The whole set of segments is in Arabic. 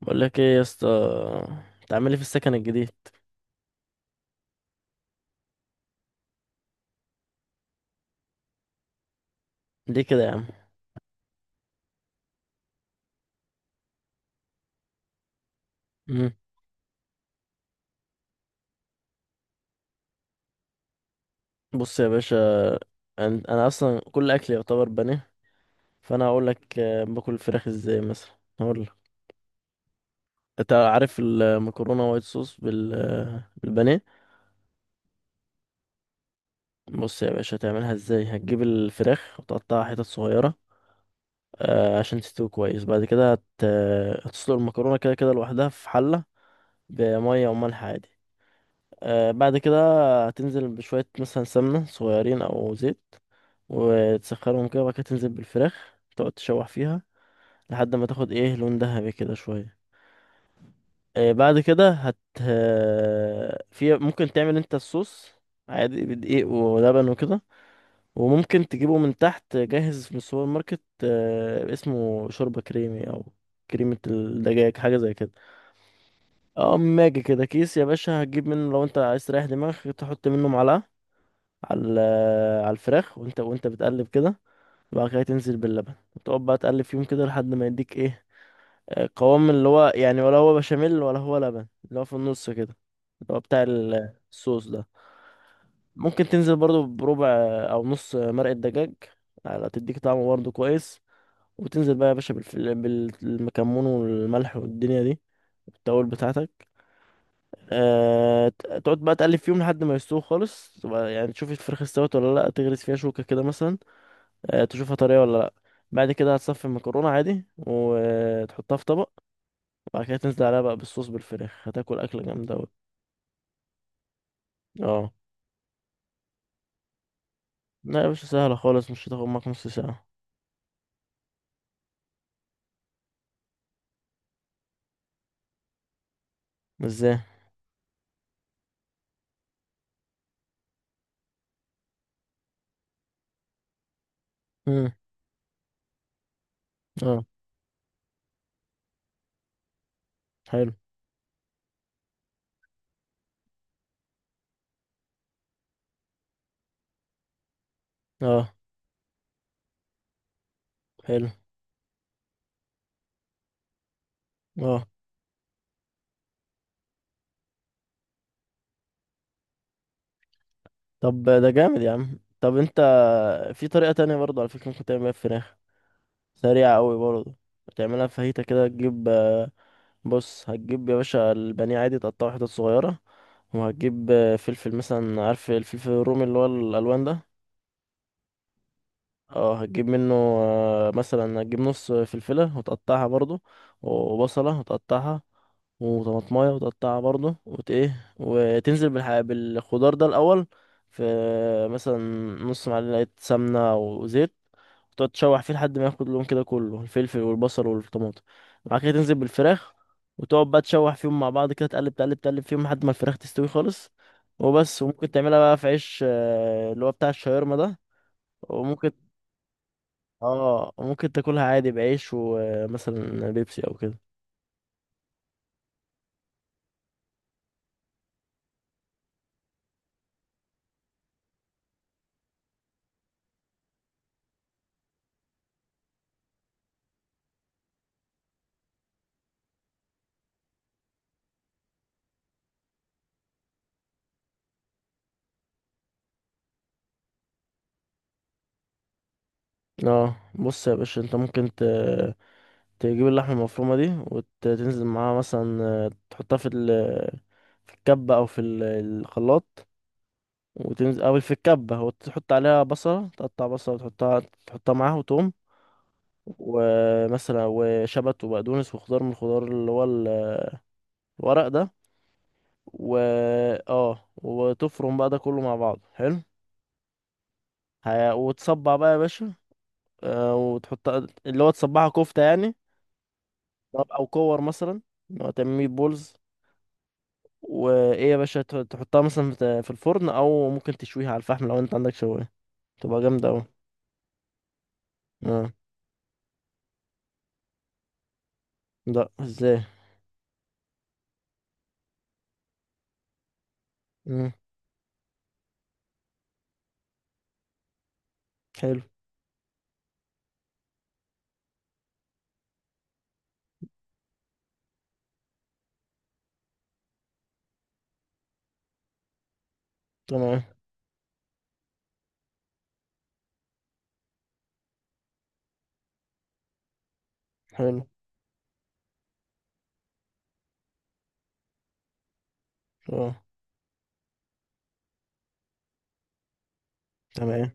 بقول لك ايه يا اسطى تعملي في السكن الجديد؟ ليه كده يا عم؟ مم. بص يا باشا، انا اصلا كل اكلي يعتبر بني، فانا هقول لك، باكل الفراخ ازاي مثلا. هقول لك. انت عارف المكرونه وايت صوص بالبانيه؟ بص يا باشا، هتعملها ازاي: هتجيب الفراخ وتقطعها حتت صغيره، عشان تستوي كويس. بعد كده هت... آه، هتسلق المكرونه كده كده لوحدها في حله بميه وملح عادي. بعد كده هتنزل بشويه مثلا سمنه صغيرين او زيت، وتسخنهم كده، وبعد كده تنزل بالفراخ، تقعد تشوح فيها لحد ما تاخد ايه، لون ذهبي كده شوية. بعد كده هت آه، في ممكن تعمل انت الصوص عادي بدقيق ولبن وكده، وممكن تجيبه من تحت جاهز من السوبر ماركت، اسمه شوربة كريمي او كريمة الدجاج، حاجة زي كده. اه، ماجي كده كيس يا باشا، هتجيب منه لو انت عايز تريح دماغك، تحط منه معلقة على الفراخ وانت بتقلب كده. بعد كده تنزل باللبن، وتقعد بقى تقلب فيهم كده لحد ما يديك ايه، قوام، اللي هو يعني، ولا هو بشاميل ولا هو لبن، اللي هو في النص كده، اللي هو بتاع الصوص ده. ممكن تنزل برضو بربع او نص مرقة دجاج، على تديك طعم برضو كويس. وتنزل بقى يا باشا بالمكمون والملح والدنيا دي، التوابل بتاعتك. تقعد بقى تقلب فيهم لحد ما يستووا خالص، تبقى يعني تشوف الفراخ استوت ولا لا، تغرز فيها شوكة كده مثلا، تشوفها طريه ولا لا. بعد كده هتصفي المكرونه عادي وتحطها في طبق، وبعد كده تنزل عليها بقى بالصوص بالفراخ، هتاكل اكله جامده أوي. اه. لا يا باشا، سهله خالص، مش هتاخد معاك نص ساعه. ازاي؟ امم. اه، حلو. اه، حلو. اه، طب ده جامد يا عم. طب انت، في طريقه تانية برضه على فكره ممكن تعمل بيها الفراخ، سريعه قوي برضه. تعملها فاهيتا كده. تجيب، بص، هتجيب يا باشا البانيه عادي، تقطعه حتت صغيرة، وهتجيب فلفل مثلا، عارف الفلفل الرومي اللي هو الألوان ده؟ اه، هتجيب منه، مثلا هتجيب نص فلفلة وتقطعها برضو، وبصلة وتقطعها، وطماطماية وتقطعها برضو، وت ايه وتنزل بالخضار ده الأول، في مثلا نص معلقة سمنة وزيت، وتقعد تشوح فيه لحد ما ياخد اللون كده كله، الفلفل والبصل والطماطم. بعد كده تنزل بالفراخ، وتقعد بقى تشوح فيهم مع بعض كده، تقلب تقلب تقلب فيهم لحد ما الفراخ تستوي خالص. وبس. وممكن تعملها بقى في عيش اللي هو بتاع الشاورما ده، وممكن اه ممكن تاكلها عادي بعيش، ومثلا بيبسي او كده. اه. بص يا باشا، انت ممكن تجيب اللحمه المفرومه دي، وتنزل معاها مثلا، تحطها في الكبه او في الخلاط، وتنزل، او في الكبه، وتحط عليها بصله، تقطع بصله وتحطها، معاها، وتوم، ومثلا وشبت وبقدونس، وخضار من الخضار اللي هو الورق ده، و اه وتفرم بقى ده كله مع بعض، حلو. وتصبع بقى يا باشا، وتحط، اللي هو تصبعها كفتة يعني. طب، أو كور مثلا، اللي هو تعمل ميت بولز، وإيه يا باشا، تحطها مثلا في الفرن، أو ممكن تشويها على الفحم لو أنت عندك شواية، تبقى جامدة أوي. اه. لأ، ازاي؟ مم. حلو. تمام. حلو. اه. تمام.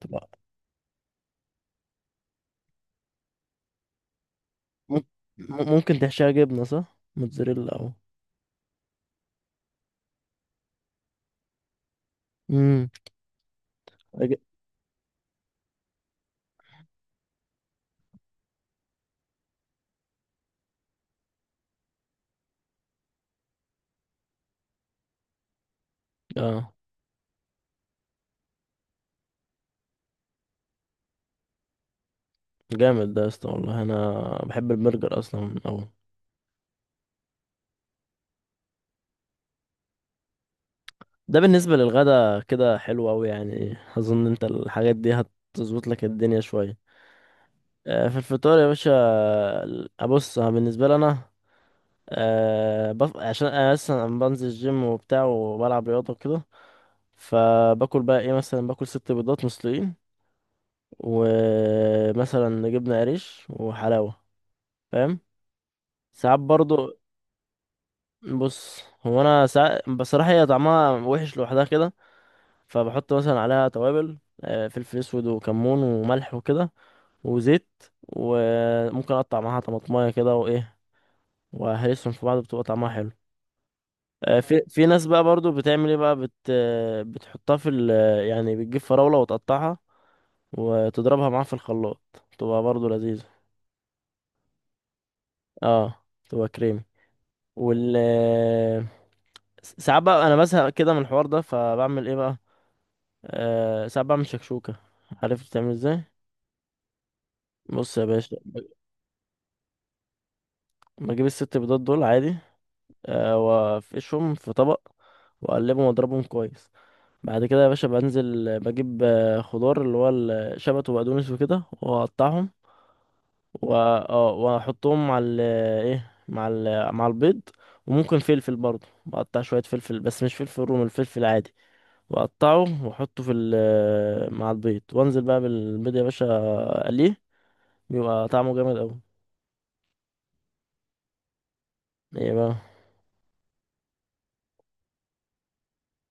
تبقى مم- ممكن تحشيها جبنة، صح؟ موتزاريلا أو. مم. أج- اه، جامد ده يا اسطى، والله أنا بحب البرجر أصلا أوي. ده بالنسبة للغدا كده حلو أوي، يعني أظن أنت الحاجات دي هتظبط لك الدنيا شوية. في الفطار يا باشا، أبص، أنا بالنسبة لي أنا، عشان أنا أصلا بنزل الجيم وبتاع وبلعب رياضة وكده، فباكل بقى إيه، مثلا باكل 6 بيضات مسلوقين، ومثلا جبنة قريش وحلاوة، فاهم؟ ساعات برضو. بص، هو أنا ساعات بصراحة هي طعمها وحش لوحدها كده، فبحط مثلا عليها توابل، فلفل اسود وكمون وملح وكده، وزيت، وممكن اقطع معاها طماطمايه كده وايه، وهرسهم في بعض، بتبقى طعمها حلو. في ناس بقى برضو بتعمل ايه بقى، بت آه، بتحطها في ال آه، يعني بتجيب فراوله وتقطعها وتضربها معاها في الخلاط، تبقى برضو لذيذه. اه، تبقى كريمي. وال آه، ساعات بقى انا بزهق كده من الحوار ده، فبعمل ايه بقى، ساعات بعمل شكشوكه. عارف بتعمل ازاي؟ بص يا باشا، لما اجيب الست بيضات دول عادي، وافقشهم في طبق، واقلبهم واضربهم كويس. بعد كده يا باشا بنزل، بجيب خضار اللي هو الشبت وبقدونس وكده، واقطعهم، واحطهم مع ال ايه مع ال مع البيض. وممكن فلفل برضه، بقطع شوية فلفل، بس مش فلفل رومي، الفلفل العادي، واقطعه واحطه في ال آه، مع البيض، وانزل بقى بالبيض يا باشا، اقليه، بيبقى طعمه جامد اوي. ايه بقى؟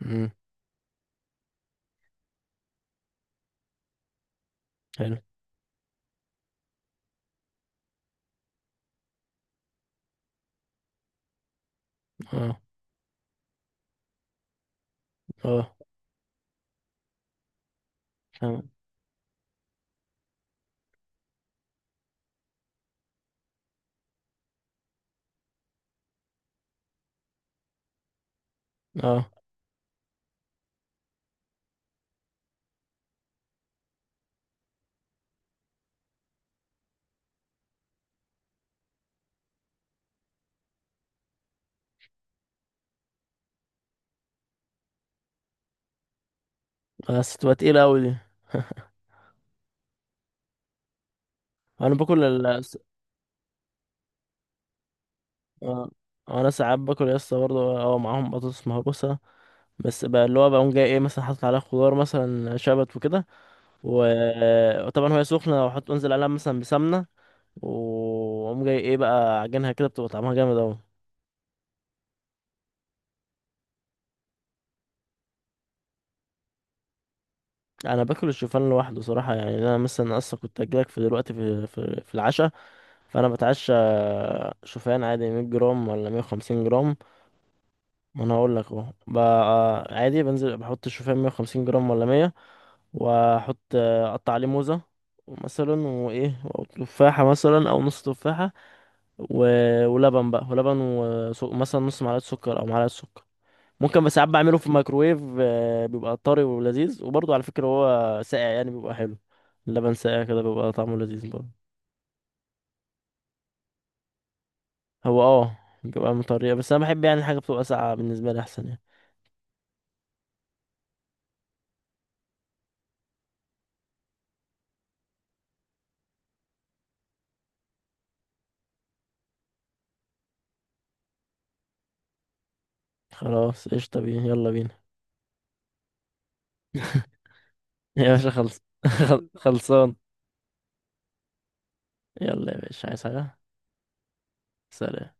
مم، حلو. اه. اه، تمام. اه، بس تبقى تقيلة أوي دي. أنا باكل ال آه، أنا ساعات باكل يا اسطى برضه، معاهم بطاطس مهروسة، بس بقى اللي هو بقوم جاي إيه، مثلا حاطط عليها خضار مثلا شبت وكده، وطبعا وهي سخنة، أنزل عليها مثلا بسمنة، وأقوم جاي إيه بقى، عجنها كده، بتبقى طعمها جامد أوي. أنا باكل الشوفان لوحده صراحة، يعني أنا مثلا أصلا كنت أجيلك في دلوقتي، في العشاء، فأنا بتعشى شوفان عادي، 100 جرام ولا 150 جرام. ما انا اقول لك اهو بقى. عادي، بنزل بحط الشوفان، 150 جرام ولا 100، اقطع عليه موزه مثلا، وايه، او تفاحه مثلا، او نص تفاحه، و... ولبن، مثلا نص معلقه سكر او معلقه سكر، ممكن. بس ساعات بعمله في الميكروويف، بيبقى طري ولذيذ. وبرضه على فكره هو ساقع، يعني بيبقى حلو، اللبن ساقع كده، بيبقى طعمه لذيذ برضه. هو اه، بيبقى مطريه، بس انا بحب يعني حاجه بتبقى ساقعه، بالنسبه لي احسن يعني. خلاص، قشطه، بينا، يلا بينا. يا باشا خلص. خلصان. يلا يا باشا، عايز حاجة؟ سلام.